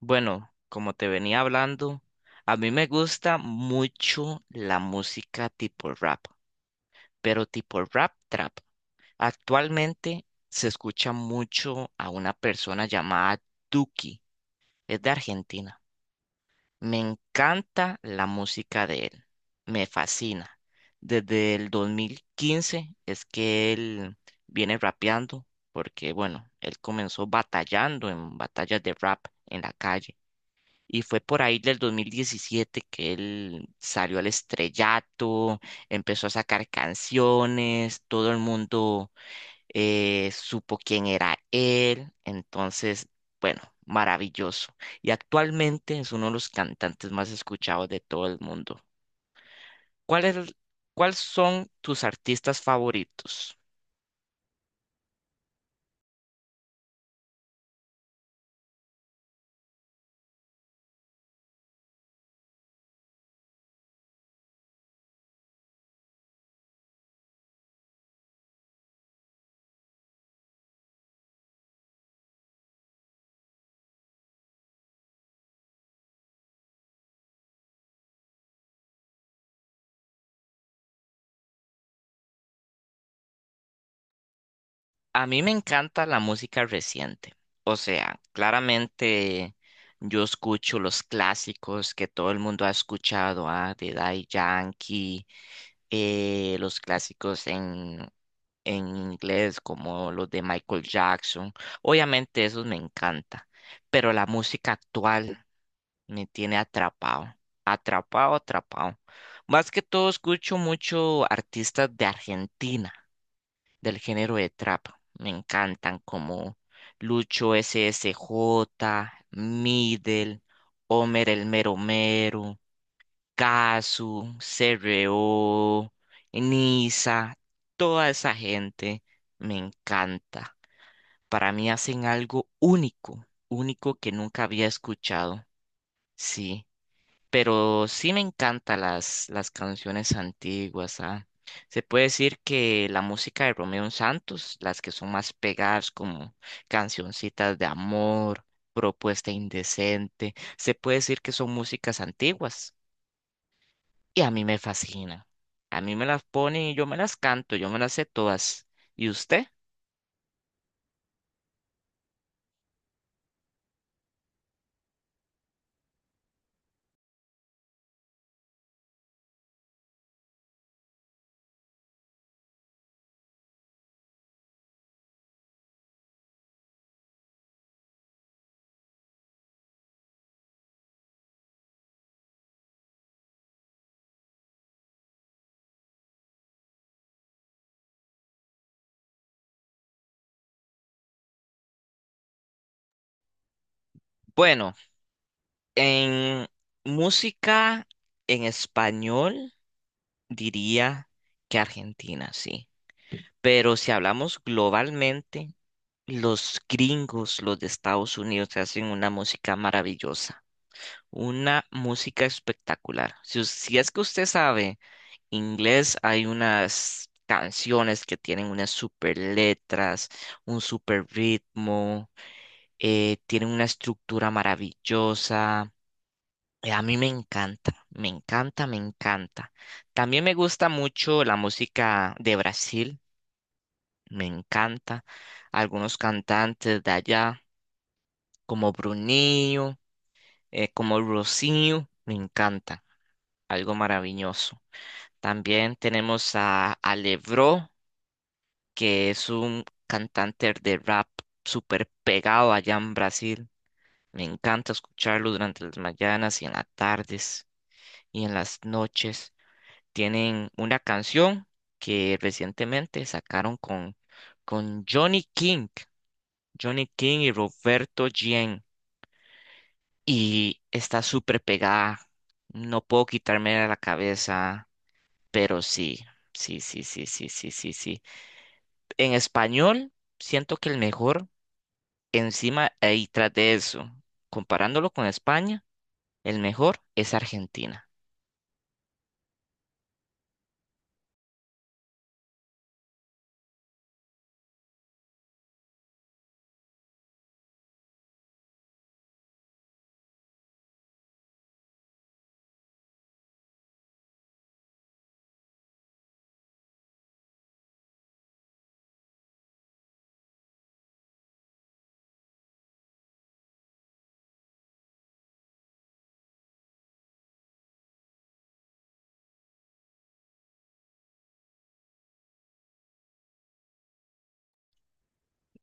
Bueno, como te venía hablando, a mí me gusta mucho la música tipo rap, pero tipo rap trap. Actualmente se escucha mucho a una persona llamada Duki, es de Argentina. Me encanta la música de él, me fascina. Desde el 2015 es que él viene rapeando, porque bueno, él comenzó batallando en batallas de rap en la calle y fue por ahí del 2017 que él salió al estrellato, empezó a sacar canciones, todo el mundo supo quién era él, entonces, bueno, maravilloso. Y actualmente es uno de los cantantes más escuchados de todo el mundo. ¿Cuál es- el- cuál son tus artistas favoritos? A mí me encanta la música reciente. O sea, claramente yo escucho los clásicos que todo el mundo ha escuchado, ah, de Daddy Yankee, los clásicos en inglés como los de Michael Jackson. Obviamente esos me encanta, pero la música actual me tiene atrapado, atrapado, atrapado. Más que todo escucho mucho artistas de Argentina del género de trap. Me encantan como Lucho S S J, Middle, Homer el Mero Mero, Kazu, CRO, Nisa, toda esa gente me encanta. Para mí hacen algo único, único que nunca había escuchado. Sí. Pero sí me encantan las canciones antiguas, ¿ah? Se puede decir que la música de Romeo Santos, las que son más pegadas como cancioncitas de amor, propuesta indecente, se puede decir que son músicas antiguas y a mí me fascina. A mí me las ponen y yo me las canto, yo me las sé todas. ¿Y usted? Bueno, en música en español diría que Argentina, sí. Pero si hablamos globalmente, los gringos, los de Estados Unidos, hacen una música maravillosa, una música espectacular. Si es que usted sabe inglés, hay unas canciones que tienen unas super letras, un super ritmo, tienen una estructura maravillosa. A mí me encanta, me encanta, me encanta. También me gusta mucho la música de Brasil. Me encanta. Algunos cantantes de allá, como Brunillo, como Rocío, me encanta, algo maravilloso. También tenemos a, Levró que es un cantante de rap súper pegado allá en Brasil. Me encanta escucharlo durante las mañanas y en las tardes y en las noches. Tienen una canción que recientemente sacaron con Johnny King, Johnny King y Roberto Gien. Y está súper pegada. No puedo quitarme de la cabeza, pero sí, sí, sí, sí, sí, sí, sí, sí. En español, siento que el mejor, encima y tras de eso, comparándolo con España, el mejor es Argentina.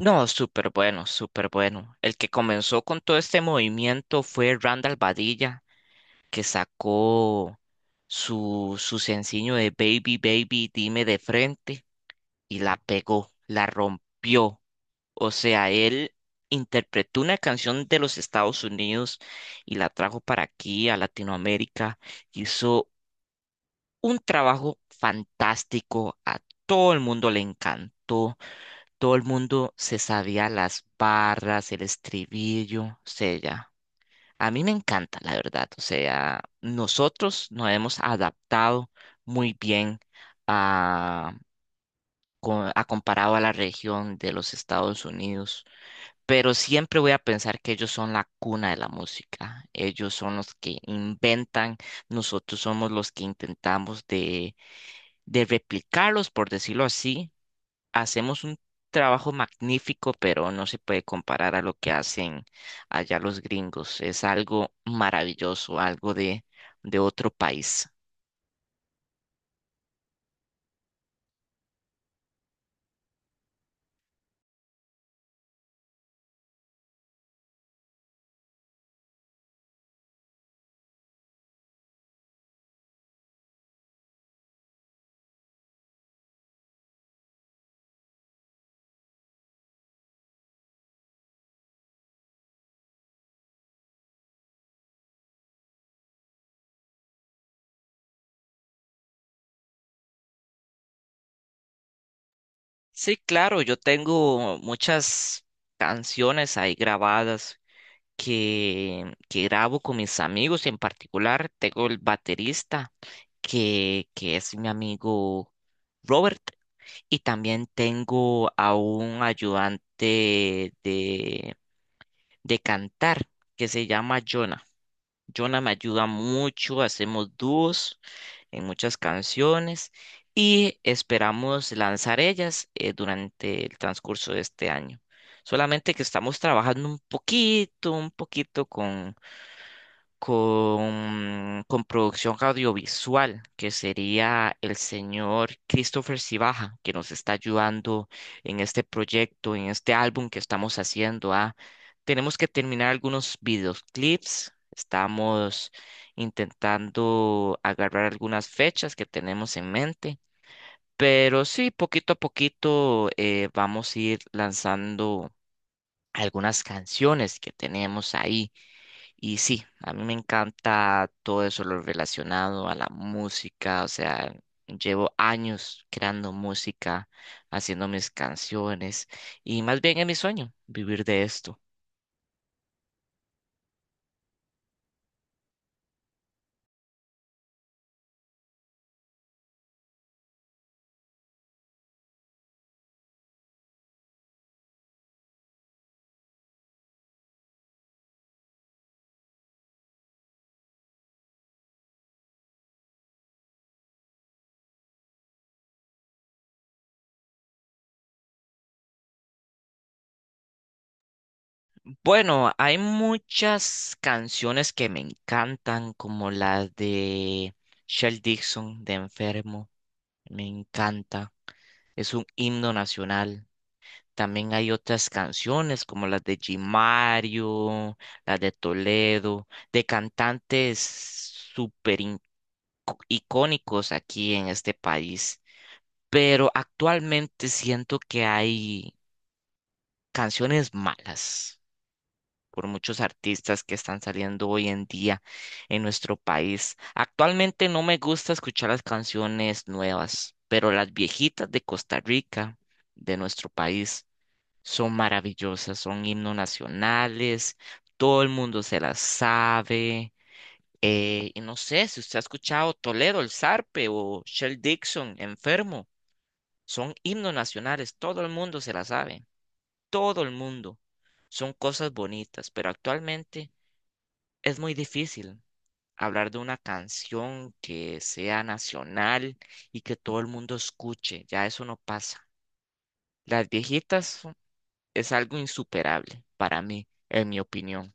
No, súper bueno, súper bueno. El que comenzó con todo este movimiento fue Randall Badilla, que sacó su sencillo de Baby, Baby, dime de frente y la pegó, la rompió. O sea, él interpretó una canción de los Estados Unidos y la trajo para aquí, a Latinoamérica. Hizo un trabajo fantástico. A todo el mundo le encantó. Todo el mundo se sabía las barras, el estribillo. O sea, ya. A mí me encanta, la verdad. O sea, nosotros nos hemos adaptado muy bien a, a comparado a la región de los Estados Unidos. Pero siempre voy a pensar que ellos son la cuna de la música. Ellos son los que inventan, nosotros somos los que intentamos de, replicarlos, por decirlo así. Hacemos un trabajo magnífico, pero no se puede comparar a lo que hacen allá los gringos. Es algo maravilloso, algo de, otro país. Sí, claro, yo tengo muchas canciones ahí grabadas que grabo con mis amigos, en particular tengo el baterista que, es mi amigo Robert y también tengo a un ayudante de cantar que se llama Jonah. Jonah me ayuda mucho, hacemos dúos en muchas canciones y esperamos lanzar ellas durante el transcurso de este año. Solamente que estamos trabajando un poquito con producción audiovisual, que sería el señor Christopher Cibaja, que nos está ayudando en este proyecto, en este álbum que estamos haciendo. Ah. Tenemos que terminar algunos videoclips, estamos intentando agarrar algunas fechas que tenemos en mente. Pero sí, poquito a poquito vamos a ir lanzando algunas canciones que tenemos ahí. Y sí, a mí me encanta todo eso, lo relacionado a la música, o sea, llevo años creando música, haciendo mis canciones y más bien es mi sueño vivir de esto. Bueno, hay muchas canciones que me encantan, como la de Shel Dixon de Enfermo, me encanta, es un himno nacional. También hay otras canciones como las de G. Mario, las de Toledo, de cantantes súper in- icónicos aquí en este país. Pero actualmente siento que hay canciones malas por muchos artistas que están saliendo hoy en día en nuestro país. Actualmente no me gusta escuchar las canciones nuevas, pero las viejitas de Costa Rica, de nuestro país son maravillosas, son himnos nacionales, todo el mundo se las sabe. Y no sé si usted ha escuchado Toledo, el Zarpe o Shell Dixon, Enfermo, son himnos nacionales, todo el mundo se las sabe, todo el mundo. Son cosas bonitas, pero actualmente es muy difícil hablar de una canción que sea nacional y que todo el mundo escuche, ya eso no pasa. Las viejitas es algo insuperable para mí, en mi opinión.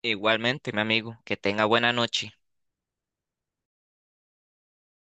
Igualmente, mi amigo, que tenga buena noche.